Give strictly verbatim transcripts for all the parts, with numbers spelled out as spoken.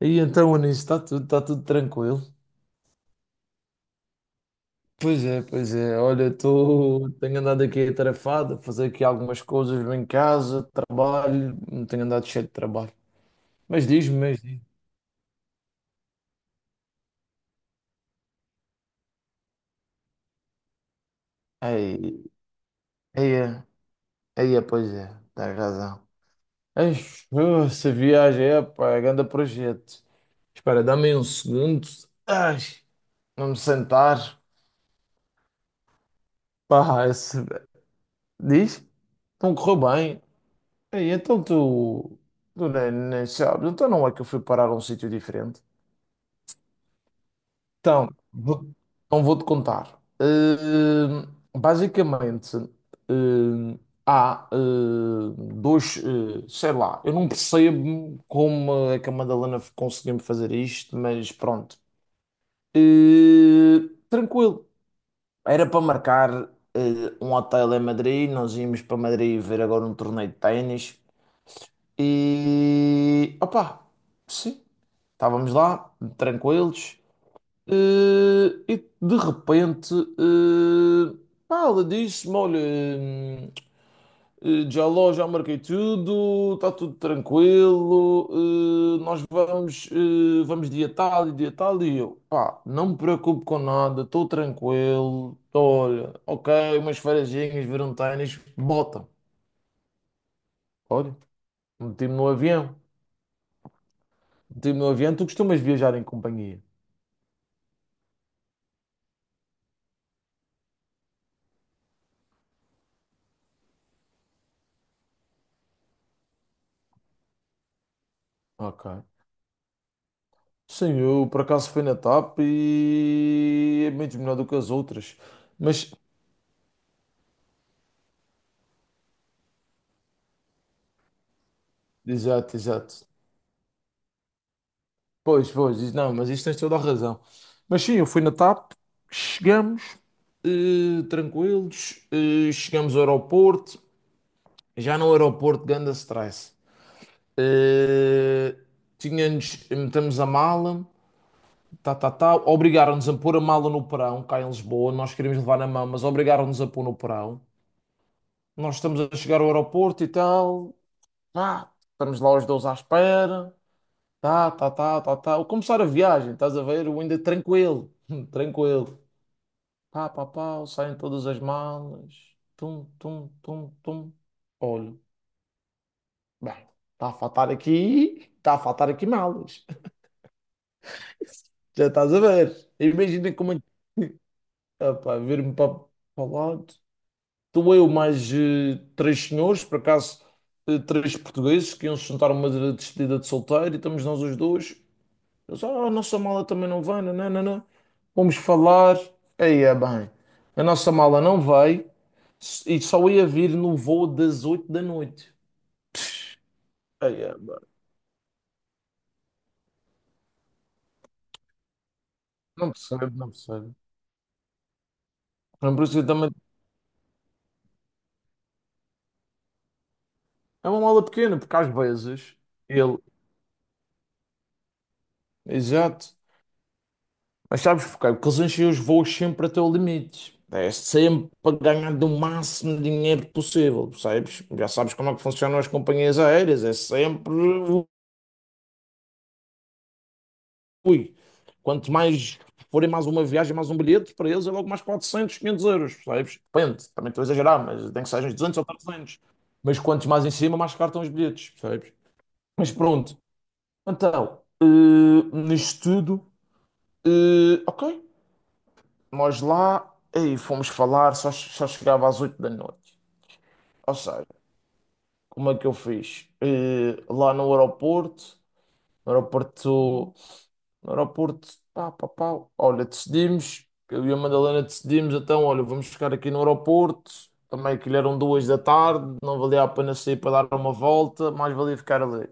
E então, Anísio, está tudo, está tudo tranquilo? Pois é, pois é. Olha, tô, tenho andado aqui atarefado, a fazer aqui algumas coisas em casa, trabalho, não tenho andado cheio de trabalho. Mas diz-me, mas diz-me. Aí, aí, é, aí, é, pois é, tens razão. Ei, uh, essa viagem é, pá, é grande projeto. Espera, dá-me um segundo. Ai, vamos sentar. Pá, esse... diz? Não correu bem. Ei, então tu, tu nem, nem sabes, então não é que eu fui parar a um sítio diferente. Então, vou, então vou-te contar. Hum, basicamente, hum, há hum, dois, hum, sei lá, eu não percebo como é que a Madalena conseguiu-me fazer isto, mas pronto. Hum, tranquilo. Era para marcar hum, um hotel em Madrid, nós íamos para Madrid ver agora um torneio de ténis e, opá. Sim. Estávamos lá, tranquilos, eh, e de repente, eh, pá, ela disse-me: Olha, hum, eh, já lá, já marquei tudo, está tudo tranquilo, eh, nós vamos, eh, vamos dia tal e dia tal. E eu, pá, não me preocupo com nada, estou tranquilo, tô, olha, ok, umas farejinhas, ver um ténis, bota. Olha, meti-me no avião, meti-me no avião, tu costumas viajar em companhia, ok. Sim, eu por acaso fui na T A P e é muito melhor do que as outras. Mas, exato, exato. Pois, pois, diz- não, mas isto tens toda a razão. Mas sim, eu fui na T A P, chegamos, eh, tranquilos, eh, chegamos ao aeroporto, já no aeroporto, ganda stress. Eh, tínhamos, metemos a mala, tá, tá, tá, obrigaram-nos a pôr a mala no porão, cá em Lisboa, nós queríamos levar na mão, mas obrigaram-nos a pôr no porão. Nós estamos a chegar ao aeroporto e tal. Pá, estamos lá os dois à espera. Tá, tá, tá, tá, tá. Ao começar a viagem, estás a ver? Eu ainda tranquilo, tranquilo. Pá, pá, pá, saem todas as malas. Tum, tum, tum, tum. Olho, bem, está a faltar aqui, está a faltar aqui malas. Já estás a ver? Imagina como é que. Ah, pá, vir-me para o lado. Estou eu mais eh, três senhores, por acaso eh, três portugueses que iam se juntar a uma despedida de solteiro e estamos nós os dois. Eles, oh, a nossa mala também não vai, não, não, não. não." Vamos falar. Aí é bem. A nossa mala não vai s- e só ia vir no voo das oito da noite. Aí é bem. Não percebo, não percebo. Não percebo também. É uma mala pequena, porque às vezes ele. Exato. Mas sabes porquê? Porque eles enchem os voos sempre até o limite. É sempre para ganhar do máximo de dinheiro possível, percebes? Já sabes como é que funcionam as companhias aéreas. É sempre Ui, quanto mais forem mais uma viagem, mais um bilhete, para eles é logo mais quatrocentos quinhentos euros, sabes? Depende, também estou a exagerar, mas tem que ser uns duzentos ou trezentos. Mas quantos mais em cima, mais caros estão os bilhetes, sabes? Mas pronto, então, eh, nisto tudo, eh, ok, nós lá, aí fomos falar, só, só chegava às oito da noite. Ou seja, como é que eu fiz? Eh, lá no aeroporto, no aeroporto no aeroporto, pá, pá, pá, olha, decidimos, eu e a Madalena decidimos, então, olha, vamos ficar aqui no aeroporto, também que eram duas da tarde, não valia a pena sair para dar uma volta, mais valia ficar ali.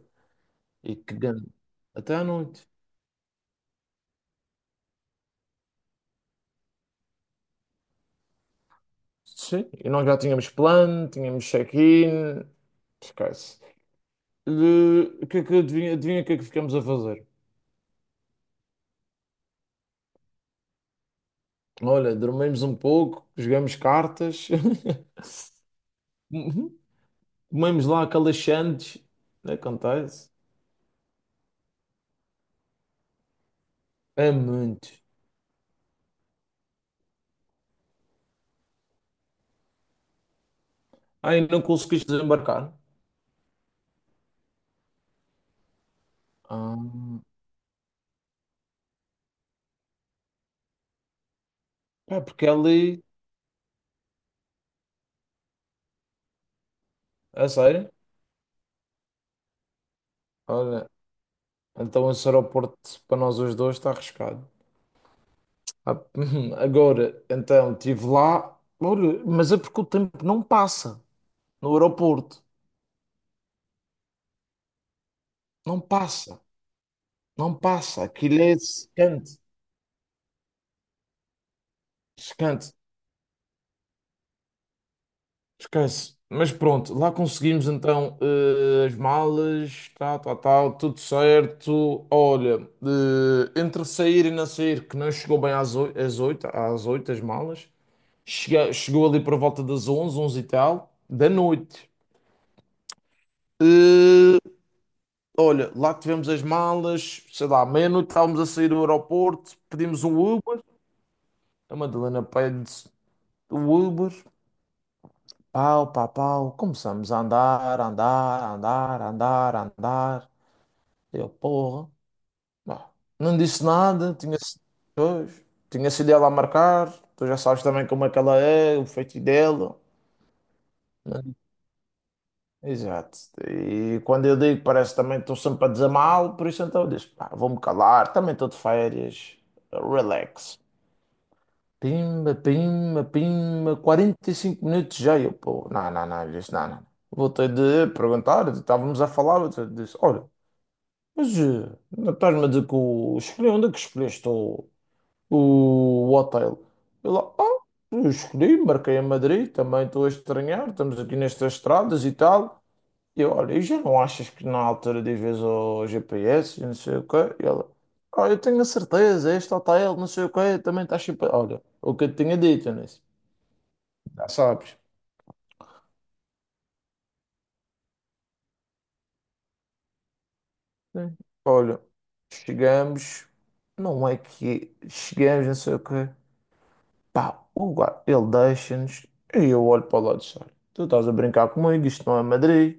E que grande, até à noite. Sim, e nós já tínhamos plano, tínhamos check-in, esquece. Eh, O que é que adivinha, adivinha o que é que ficamos a fazer? Olha, dormimos um pouco, jogamos cartas, comemos lá aquelas chandes, não acontece? É muito. Ai, não conseguiste desembarcar? Ah, pá, porque é ali, a sério? Olha, então esse aeroporto para nós os dois está arriscado. Ah, agora, então, estive lá, olha, mas é porque o tempo não passa no aeroporto. Não passa, não passa. Aquilo é secante, secante. Esquece. Mas pronto, lá conseguimos então eh, as malas, tal, tal, tal, tudo certo. Olha, eh, entre sair e não sair, que não chegou bem às oito, às oito, às oito, as malas, Chega- chegou ali por volta das onze, onze e tal, da noite. Eh, olha, lá tivemos as malas, sei lá, meia-noite estávamos a sair do aeroporto, pedimos um Uber, a Madalena pede o Uber, Pau, pau, pau. Começamos a andar, andar, andar, andar, andar. Eu, porra. Bah, não disse nada. Tinha, se- pois, tinha sido ela a marcar. Tu já sabes também como é que ela é, o feito dela. Não- Exato. E quando eu digo, parece também que estou sempre a dizer mal. Por isso então eu disse, pá, vou-me calar. Também estou de férias. Relax. Pimba, pimba, pimba, quarenta e cinco minutos já. E Eu, pô, não, não, não, ele disse, não, não. Voltei de perguntar, estávamos a falar, eu disse, olha, mas eh, não estás-me a dizer que o... escolhi, onde é que escolheste o, o hotel? Ele, ah, eu escolhi, marquei a Madrid, também estou a estranhar, estamos aqui nestas estradas e tal. Eu, olha, e já não achas que na altura dizes ao G P S, e não sei o quê, e ela, ah, eu tenho a certeza, este hotel, não sei o quê, também está chip. Olha, o que eu te tinha dito, nisso, já sabes. Sim. Olha, chegamos, não é que chegamos, não sei o quê, pá, o lugar, ele deixa-nos, e eu olho para o lado e disse, olha, tu estás a brincar comigo, isto não é Madrid.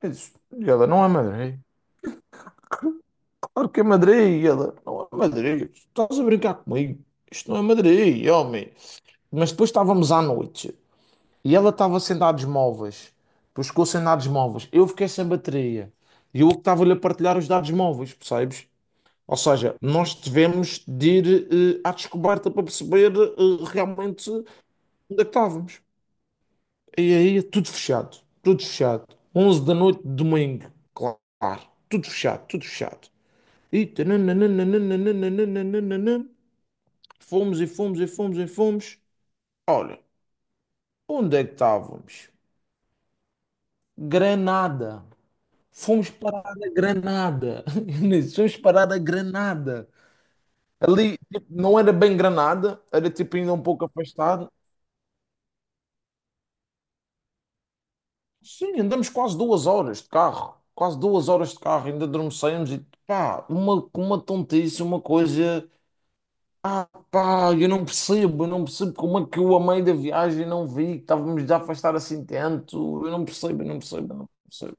Eu disse, e ela, não é Madrid. Claro que é Madrid. E ela, não é Madrid. Estás a brincar comigo? Isto não é Madrid, homem. Mas depois estávamos à noite e ela estava sem dados móveis. Depois ficou sem dados móveis. Eu fiquei sem bateria. E eu que estava-lhe a partilhar os dados móveis, percebes? Ou seja, nós tivemos de ir eh, à descoberta para perceber eh, realmente onde é que estávamos. E aí, é tudo fechado. Tudo fechado. Onze da noite, domingo. Claro. Tudo fechado, tudo fechado, ita nananananananananan, fomos e fomos e fomos e fomos. Olha, onde é que estávamos? Granada. Fomos para a Granada fomos para a Granada Ali não era bem Granada, era tipo ainda um pouco afastado. Sim, andamos quase duas horas de carro, quase duas horas de carro, ainda dormíamos, e pa, uma uma tontice, uma coisa. Ah, pá, eu não percebo, eu não percebo como é que eu, a meio da viagem, não vi que estávamos a afastar assim tanto. Eu não percebo, eu não percebo, eu não percebo.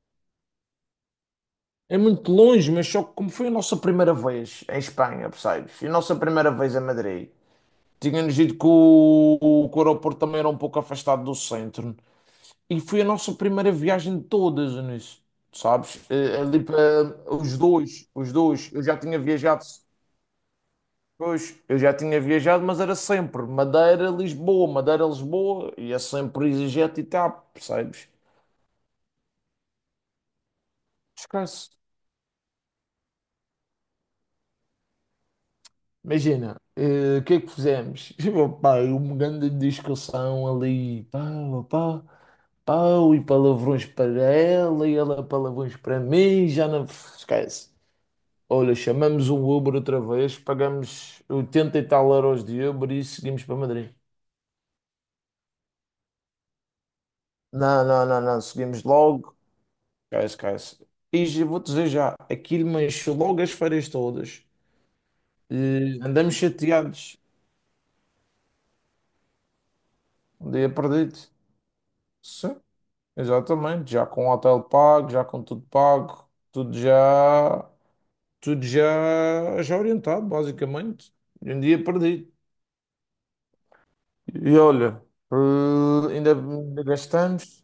É muito longe, mas só que como foi a nossa primeira vez em Espanha, percebes? E a nossa primeira vez em Madrid. Tínhamos ido que o, o, que o aeroporto também era um pouco afastado do centro. E foi a nossa primeira viagem de todas, nisso. Sabes? Eh, Ali para os dois, os dois. Eu já tinha viajado. Pois, eu já tinha viajado, mas era sempre Madeira, Lisboa, Madeira, Lisboa, e é sempre EasyJet e T A P, percebes? Esquece. Imagina, eh, o que é que fizemos? Pá, é uma grande discussão ali, pau, pau, pau, e palavrões para ela, e ela palavrões para mim, já não esquece. Olha, chamamos um Uber outra vez, pagamos oitenta e tal euros de Uber e seguimos para Madrid. Não, não, não, não, seguimos logo. Esquece, esquece. E já vou dizer já, aquilo mexeu logo as feiras todas. E andamos chateados. Um dia perdido. Sim, exatamente. Já com o hotel pago, já com tudo pago, tudo já, tudo já, já orientado, basicamente. E Um dia perdido. E olha, eh, ainda, ainda gastamos.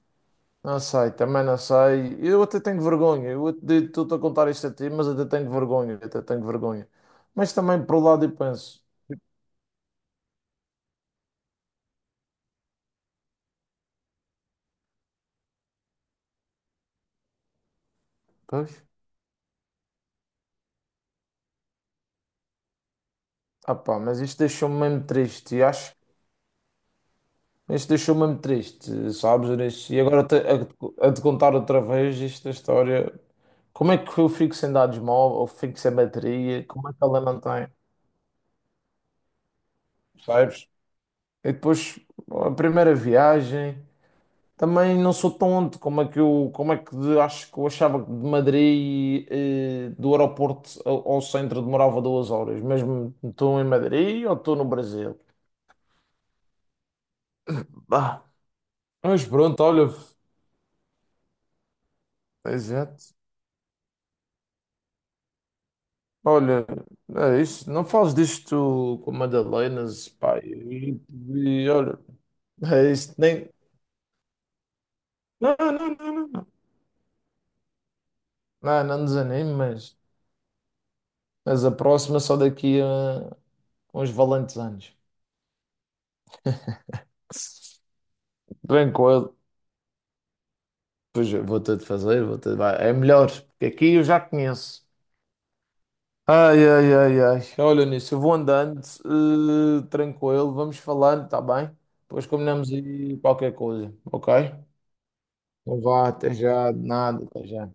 Não sei, também não sei. Eu até tenho vergonha. Eu até estou a contar isto a ti, mas até tenho vergonha. Até tenho vergonha. Mas também, por um lado, eu penso. Pois. Ah pá, mas isto deixou-me mesmo triste, e acho. Isto deixou-me mesmo triste, sabes, Inês? E agora te- a, a te contar outra vez esta história. Como é que eu fico sem dados móvel, fico sem bateria? Como é que ela não tem, sabes? E depois, a primeira viagem, também não sou tonto. Como é que eu, como é que de- acho que eu achava que de Madrid, eh, do aeroporto ao, ao centro demorava duas horas, mesmo estou em Madrid ou estou no Brasil? Bah, mas pronto, olha, exato. Olha, é isso. Não fales disto com Madalenas, pá. E, e olha, é isso. Nem... Não, não, não, não, não. Não, não desanime, mas, mas a próxima é só daqui a uns valentes anos. Tranquilo. Pois eu vou ter de fazer, vou ter de... vai, É melhor, porque aqui eu já conheço. Ai, ai, ai, ai. Olha nisso, eu vou andando, eh, tranquilo, vamos falando, tá bem? Depois combinamos aí qualquer coisa, ok? Não vá até já, nada, até já.